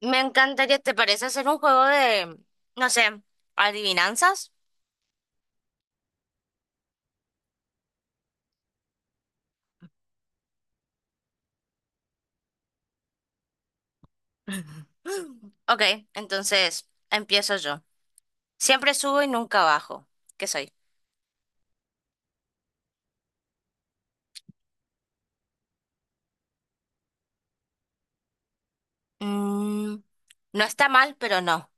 Me encantaría, ¿te parece hacer un juego de, no sé, adivinanzas? Mm, Ok, entonces empiezo yo. Siempre subo y nunca bajo. ¿Qué soy? Mm, no está mal, pero no.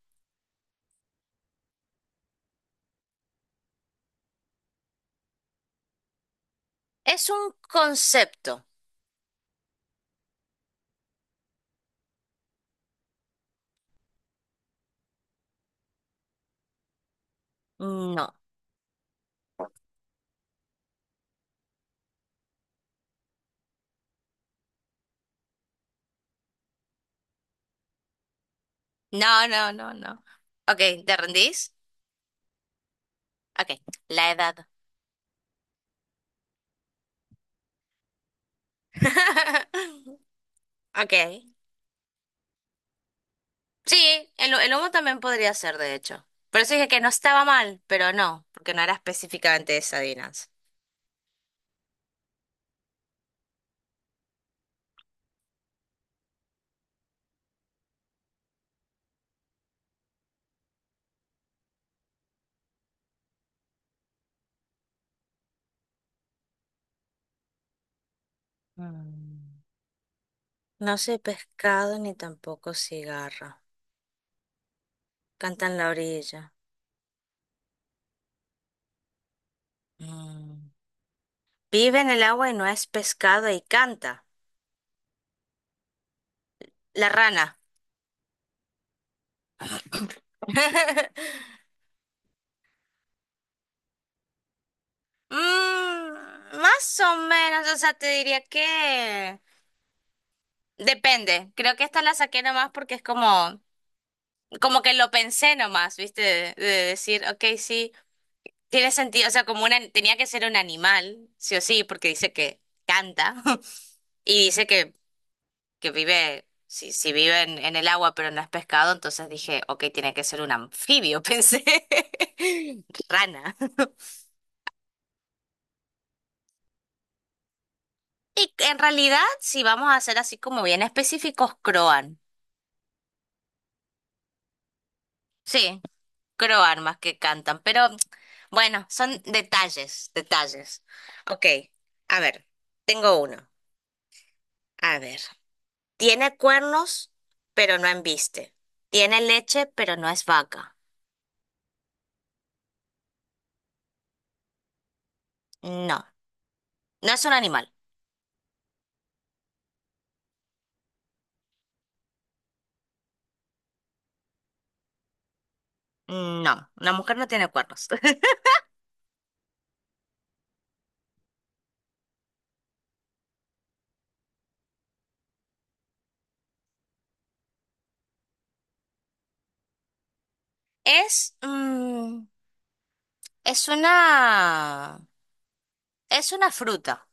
Es un concepto. No. No, no, no, no. Ok, ¿te rendís? Ok, la edad. Ok. Sí, el humo también podría ser, de hecho. Por eso dije que no estaba mal, pero no, porque no era específicamente esa adivinanza. Mm. No sé pescado ni tampoco cigarro. Canta en la orilla. Mm. Vive en el agua y no es pescado y canta. La rana. Mm, más o menos, o sea, te diría que depende. Creo que esta la saqué nomás porque es como que lo pensé nomás, ¿viste? De decir, ok, sí, tiene sentido. O sea, como una, tenía que ser un animal, sí o sí, porque dice que canta y dice que vive, si vive en el agua pero no es pescado, entonces dije, ok, tiene que ser un anfibio, pensé. Rana. Y en realidad, si vamos a ser así como bien específicos, croan. Sí, croan más que cantan, pero bueno, son detalles, detalles. Ok, a ver, tengo uno. A ver, tiene cuernos, pero no embiste. Tiene leche, pero no es vaca. No, no es un animal. No, la mujer no tiene cuernos. Es, mm, es una, es una fruta.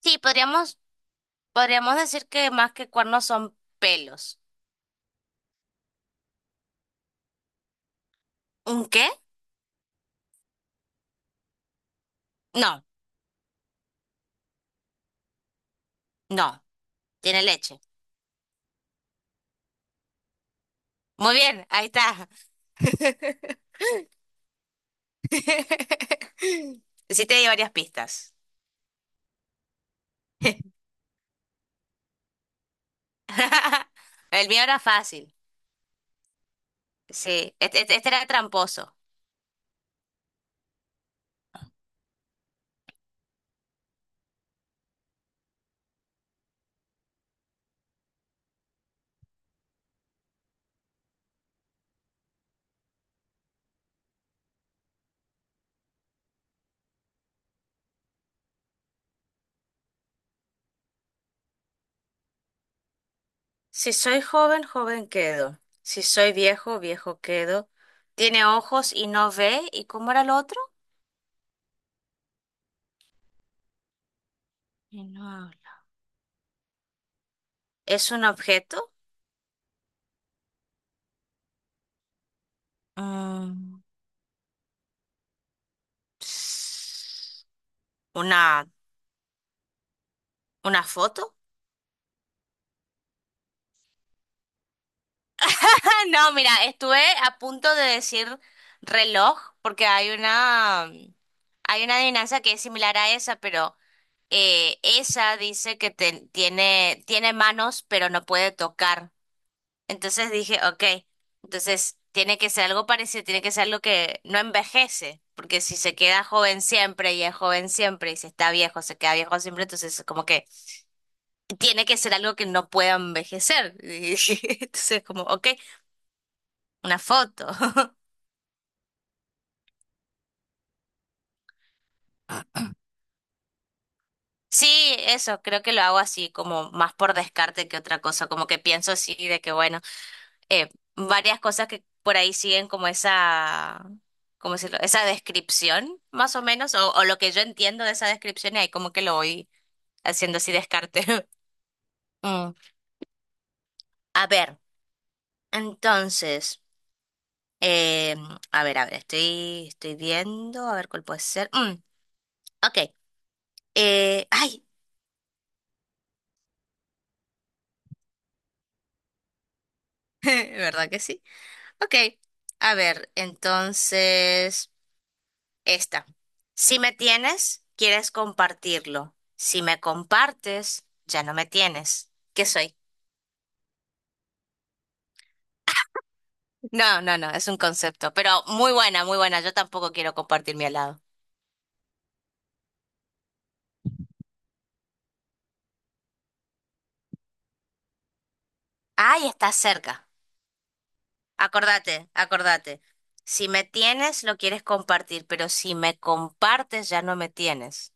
Sí, podríamos decir que más que cuernos son pelos. ¿Un qué? No, no, tiene leche. Muy bien, ahí está. Sí te di varias pistas. El mío era fácil. Sí, este era tramposo. Si soy joven, joven quedo. Si soy viejo, viejo quedo. Tiene ojos y no ve. ¿Y cómo era el otro? Y no habla. ¿Es un objeto? Ah, ¿Una, una foto? No, mira, estuve a punto de decir reloj porque hay una adivinanza que es similar a esa, pero esa dice que tiene manos pero no puede tocar. Entonces dije, ok, entonces tiene que ser algo parecido, tiene que ser algo que no envejece, porque si se queda joven siempre y es joven siempre y si está viejo se queda viejo siempre, entonces como que tiene que ser algo que no pueda envejecer. Entonces, como, ok, una foto. Sí, eso, creo que lo hago así, como más por descarte que otra cosa, como que pienso así de que, bueno, eh, varias cosas que por ahí siguen como esa, ¿cómo decirlo? Esa descripción, más o menos, o lo que yo entiendo de esa descripción y ahí como que lo voy haciendo así descarte. Mm, A ver, entonces, eh, a ver, estoy viendo, a ver cuál puede ser. Mm, ok. Ay, ¿verdad que sí? Ok, a ver, entonces, esta. Si me tienes, quieres compartirlo. Si me compartes, ya no me tienes. ¿Qué soy? No, no, no, es un concepto, pero muy buena, muy buena. Yo tampoco quiero compartir mi helado. Ay, está cerca. Acordate, acordate. Si me tienes, lo quieres compartir, pero si me compartes, ya no me tienes.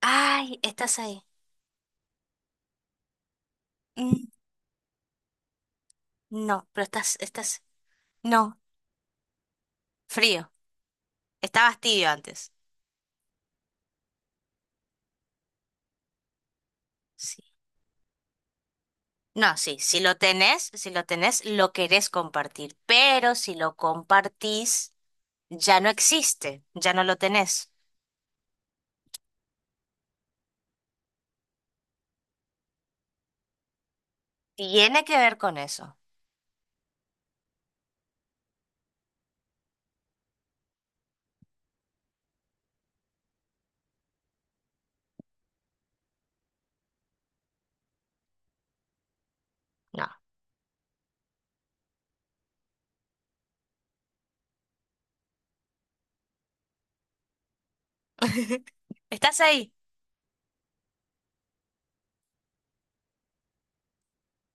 Ay, estás ahí. Mm, no, pero estás, estás. No. Frío. Estabas tibio antes. Sí. No, sí, si lo tenés, lo querés compartir, pero si lo compartís, ya no existe, ya no lo tenés. Tiene que ver con eso. No. ¿Estás ahí?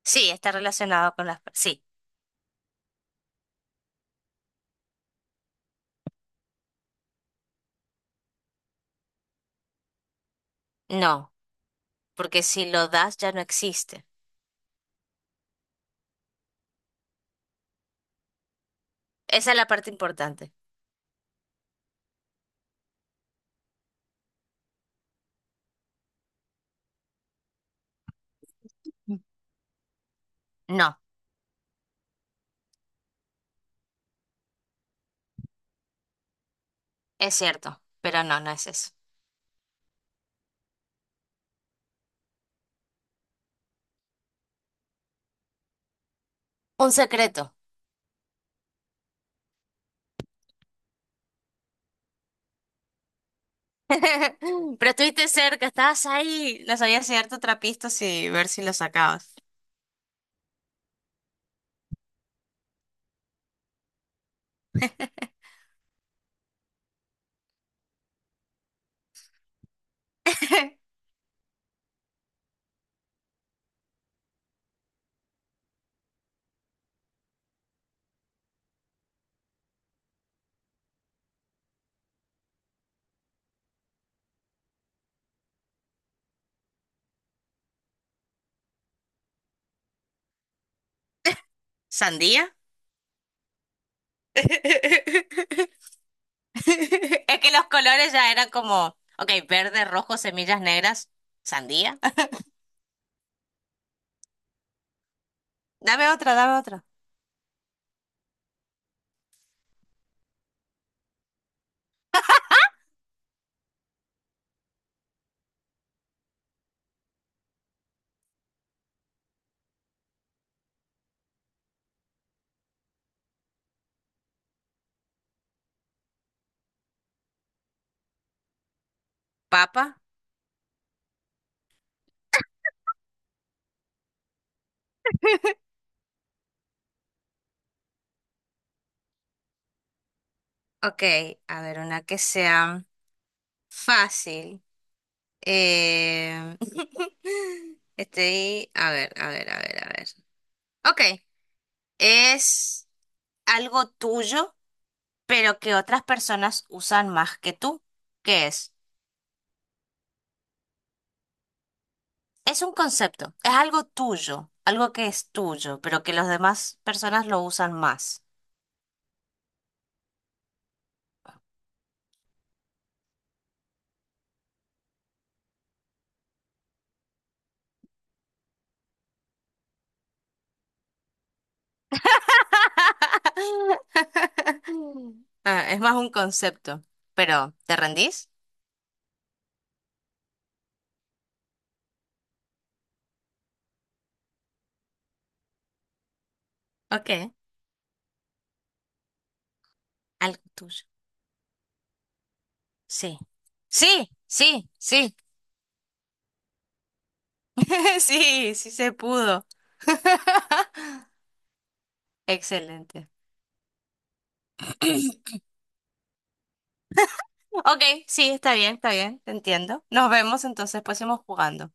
Sí, está relacionado con las. Sí, no, porque si lo das, ya no existe. Esa es la parte importante. Mm. No, es cierto, pero no, no es eso. Un secreto. Pero estuviste cerca, estabas ahí. No sabías si darte otra pista y ver si lo sacabas. ¿Sandía? Es que los colores ya eran como, ok, verde, rojo, semillas negras, sandía. Dame otra, dame otra. Papa. Ok, a ver, una que sea fácil. Eh... a ver, a ver, a ver, a ver. Ok, es algo tuyo, pero que otras personas usan más que tú. ¿Qué es? Es un concepto, es algo tuyo, algo que es tuyo, pero que las demás personas lo usan más. Ah, es más un concepto, pero ¿te rendís? Ok, algo tuyo. Sí. Sí, sí, sí. Sí, sí se pudo. Excelente. Ok, sí, está bien, te entiendo. Nos vemos entonces, pues seguimos jugando.